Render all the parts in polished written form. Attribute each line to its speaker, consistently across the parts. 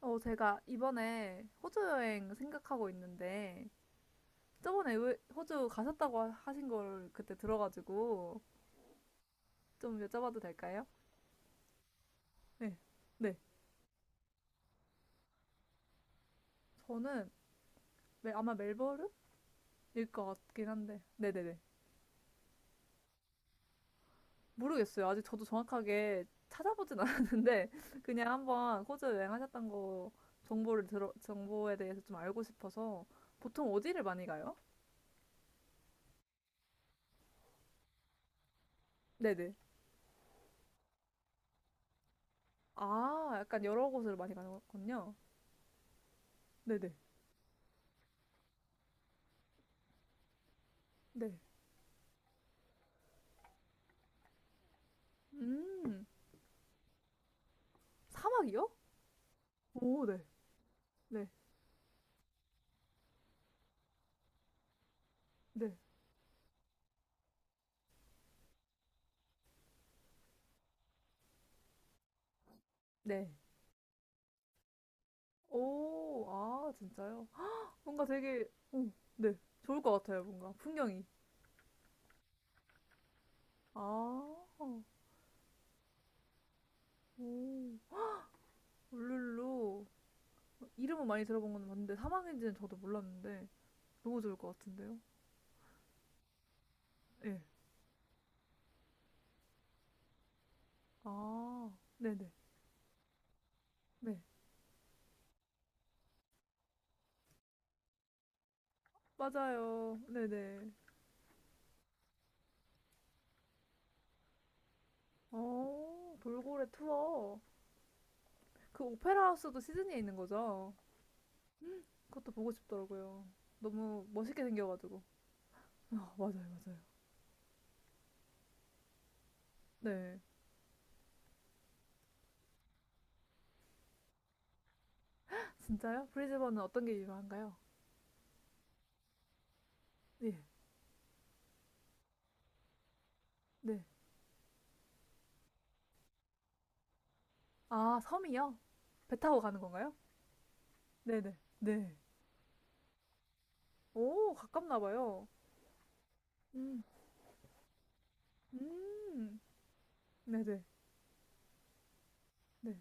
Speaker 1: 제가 이번에 호주 여행 생각하고 있는데, 저번에 왜 호주 가셨다고 하신 걸 그때 들어가지고, 좀 여쭤봐도 될까요? 네. 네. 저는 아마 멜버른일 것 같긴 한데, 네네네. 모르겠어요. 아직 저도 정확하게 찾아보진 않았는데, 그냥 한번 호주 여행하셨던 거, 정보에 대해서 좀 알고 싶어서, 보통 어디를 많이 가요? 네네. 아, 약간 여러 곳을 많이 가는군요. 네네. 네. 음. 사막이요? 오, 네. 네. 네. 네. 오, 아, 진짜요? 헉, 뭔가 되게, 오, 네. 좋을 것 같아요, 뭔가. 풍경이. 아, 오, 울룰루. 이름은 많이 들어본 건 맞는데, 사막인지는 저도 몰랐는데, 너무 좋을 것 같은데요? 예. 아, 네네. 네. 네. 맞아요. 네네. 어, 돌고래 투어. 그 오페라 하우스도 시드니에 있는 거죠? 그것도 보고 싶더라고요. 너무 멋있게 생겨가지고. 아, 맞아요, 맞아요. 네. 진짜요? 브리즈번은 어떤 게 유명한가요? 네. 네. 아, 섬이요? 배 타고 가는 건가요? 네네. 네. 오, 가깝나 봐요. 음, 음. 네네. 네.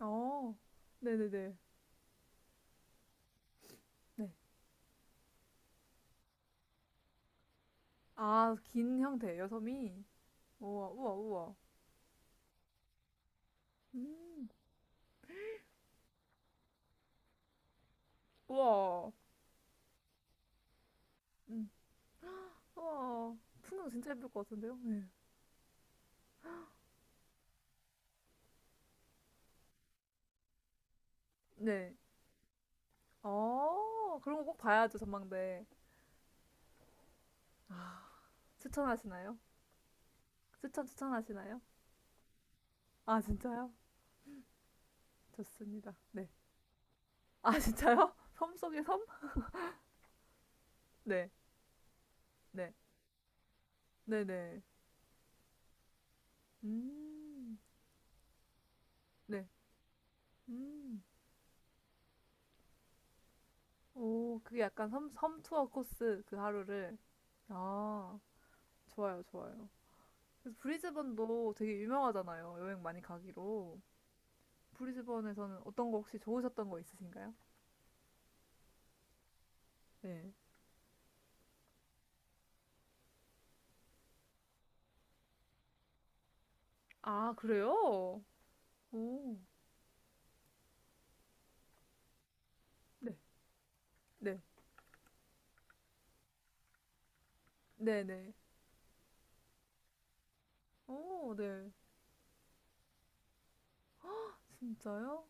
Speaker 1: 어, 네네네. 네. 아, 긴 형태예요, 섬이? 우와, 우와, 우와. 음, 우와. 음, 우와. 풍경 진짜 예쁠 것 같은데요? 네. 네. 어, 그런 거 꼭 봐야죠, 전망대. 추천하시나요? 추천하시나요? 아, 진짜요? 좋습니다. 네. 아, 진짜요? 섬 속의 섬? 네. 네. 네네. 음. 네. 음. 오, 그게 약간 섬 투어 코스 그 하루를. 아, 좋아요, 좋아요. 그래서 브리즈번도 되게 유명하잖아요. 여행 많이 가기로. 브리즈번에서는 어떤 거 혹시 좋으셨던 거 있으신가요? 네. 아, 그래요? 오. 네. 네. 네네. 오, 네. 진짜요?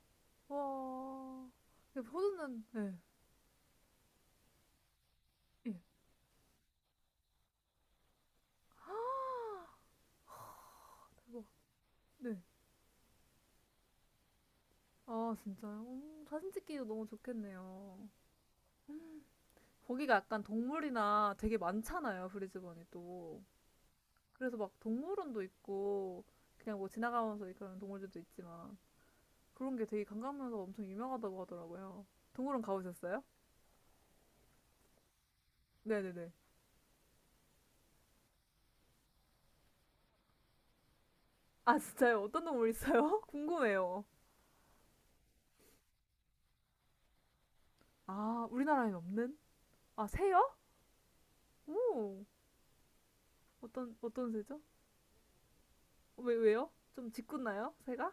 Speaker 1: 와. 근데 호주는, 네. 예. 우와, 네. 아, 진짜요? 사진 찍기도 너무 좋겠네요. 음, 거기가 약간 동물이나 되게 많잖아요, 브리즈번이 또. 그래서 막 동물원도 있고, 그냥 뭐 지나가면서 그런 동물들도 있지만, 그런 게 되게 관광명소가 엄청 유명하다고 하더라고요. 동물원 가보셨어요? 네네네. 아, 진짜요? 어떤 동물 있어요? 궁금해요. 아, 우리나라엔 없는? 아, 새요? 오, 어떤 새죠? 왜요? 좀 짓궂나요? 새가?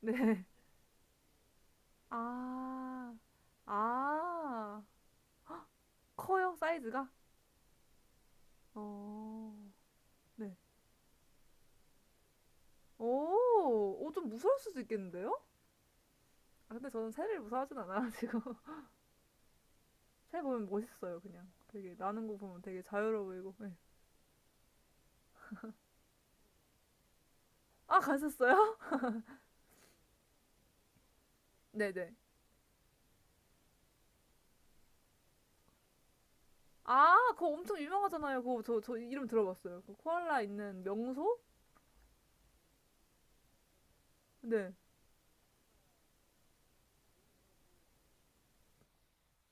Speaker 1: 네. 아, 아, 커요, 사이즈가? 어, 네. 오, 오, 좀 무서울 수도 있겠는데요? 아, 근데 저는 새를 무서워하진 않아가지고. 새 보면 멋있어요, 그냥. 되게, 나는 거 보면 되게 자유로워 보이고. 네. 아, 가셨어요? 네네. 아, 그거 엄청 유명하잖아요. 그거 저 이름 들어봤어요. 그 코알라 있는 명소? 네.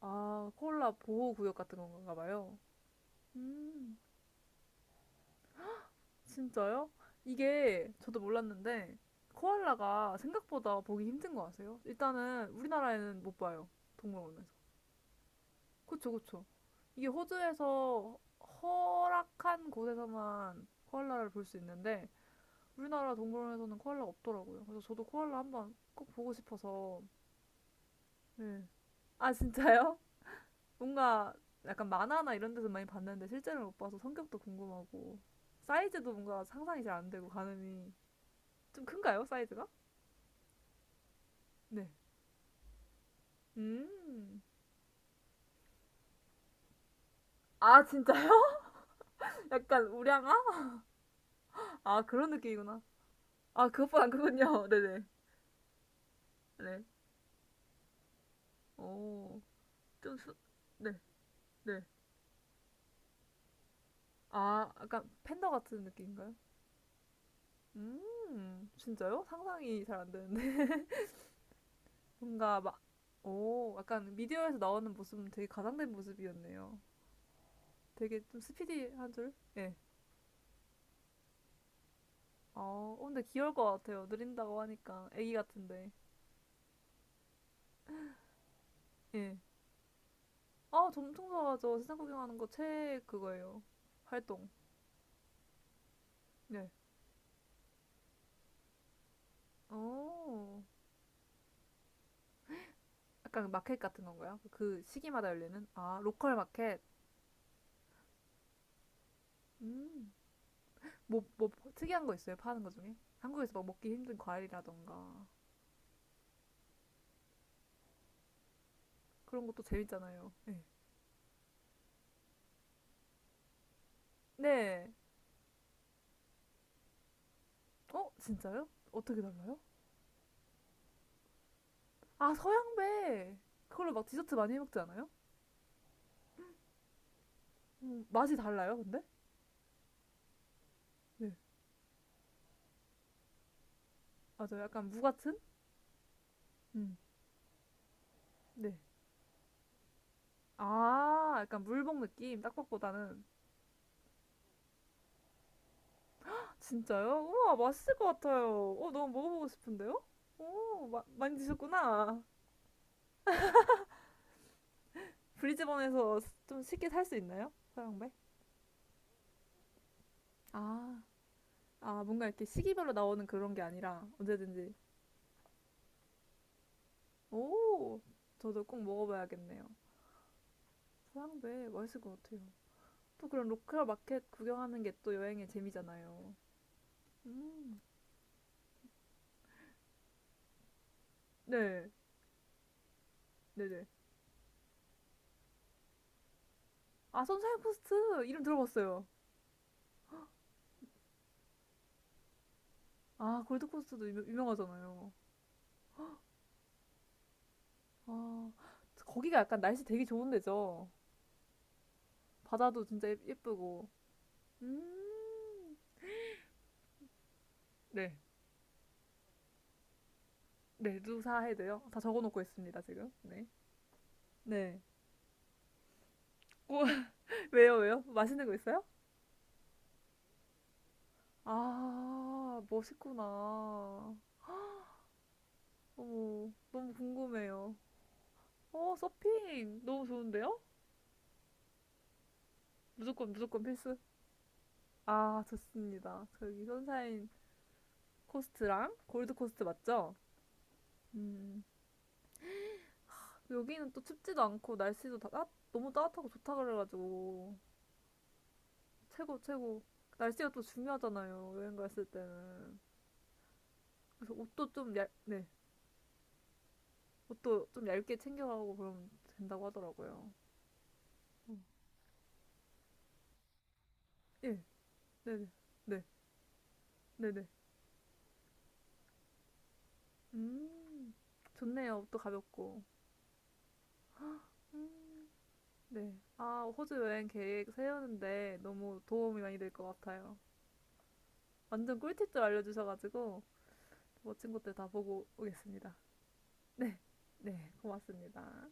Speaker 1: 아, 코알라 보호구역 같은 건가 봐요. 음. 진짜요? 이게 저도 몰랐는데 코알라가 생각보다 보기 힘든 거 아세요? 일단은 우리나라에는 못 봐요. 동물원에서. 그쵸, 그쵸. 이게 호주에서 허락한 곳에서만 코알라를 볼 수 있는데 우리나라 동물원에서는 코알라 없더라고요. 그래서 저도 코알라 한번 꼭 보고 싶어서. 네. 아, 진짜요? 뭔가 약간 만화나 이런 데서 많이 봤는데 실제로 못 봐서 성격도 궁금하고 사이즈도 뭔가 상상이 잘 안 되고 가늠이 좀 큰가요? 사이즈가? 네. 음. 아, 진짜요? 약간 우량아? 아, 그런 느낌이구나. 아, 그것보단 그군요. 네네. 네. 오. 좀 수, 네. 네. 아, 약간 팬더 같은 느낌인가요? 음. 진짜요? 상상이 잘 안 되는데. 뭔가 막, 오. 약간 미디어에서 나오는 모습은 되게 가장된 모습이었네요. 되게 좀 스피디한 줄? 예. 어, 어, 근데 귀여울 것 같아요. 느린다고 하니까. 애기 같은데. 예. 아, 엄청 좋아하죠. 세상 구경하는 거 최 그거예요. 활동. 네. 어. 약간 그 마켓 같은 건가요? 그 시기마다 열리는? 아, 로컬 마켓. 음. 뭐 특이한 거 있어요? 파는 거 중에? 한국에서 막 먹기 힘든 과일이라던가. 그런 것도 재밌잖아요. 네. 네. 어, 진짜요? 어떻게 달라요? 아, 서양배. 그걸로 막 디저트 많이 해 먹지 않아요? 맛이 달라요, 근데? 네. 맞아요. 약간 무 같은? 음. 네. 아, 약간 물복 느낌, 딱밥보다는. 진짜요? 우와, 맛있을 것 같아요. 어, 너무 먹어보고 싶은데요? 오, 많이 드셨구나. 브리즈번에서 좀 쉽게 살 수 있나요? 서양배? 아, 아, 뭔가 이렇게 시기별로 나오는 그런 게 아니라 언제든지. 오, 저도 꼭 먹어봐야겠네요. 서양배 맛있을 것 같아요. 또 그런 로컬 마켓 구경하는 게 또 여행의 재미잖아요. 음, 네, 네네. 아, 선샤인 코스트 이름 들어봤어요. 아, 골드 코스트도 유명하잖아요. 아, 거기가 약간 날씨 되게 좋은 데죠. 바다도 진짜 예쁘고. 음. 네. 네, 누사해도요. 다 적어놓고 있습니다, 지금. 네. 네. 오, 왜요, 왜요? 맛있는 거 있어요? 아, 멋있구나. 어머, 너무 궁금해요. 어, 서핑! 너무 좋은데요? 무조건, 무조건 필수. 아, 좋습니다. 저기 선샤인 코스트랑 골드 코스트 맞죠? 음, 여기는 또 춥지도 않고 날씨도 너무 따뜻하고 좋다 그래가지고 최고 최고 날씨가 또 중요하잖아요 여행 갔을 때는 그래서 네 옷도 좀 얇게 챙겨가고 그러면 된다고 하더라고요 음. 예 네네 네 네네 음 좋네요 옷도 가볍고 네 아 호주 여행 계획 세우는데 너무 도움이 많이 될 것 같아요 완전 꿀팁들 알려주셔가지고 멋진 것들 다 보고 오겠습니다 네 네, 고맙습니다.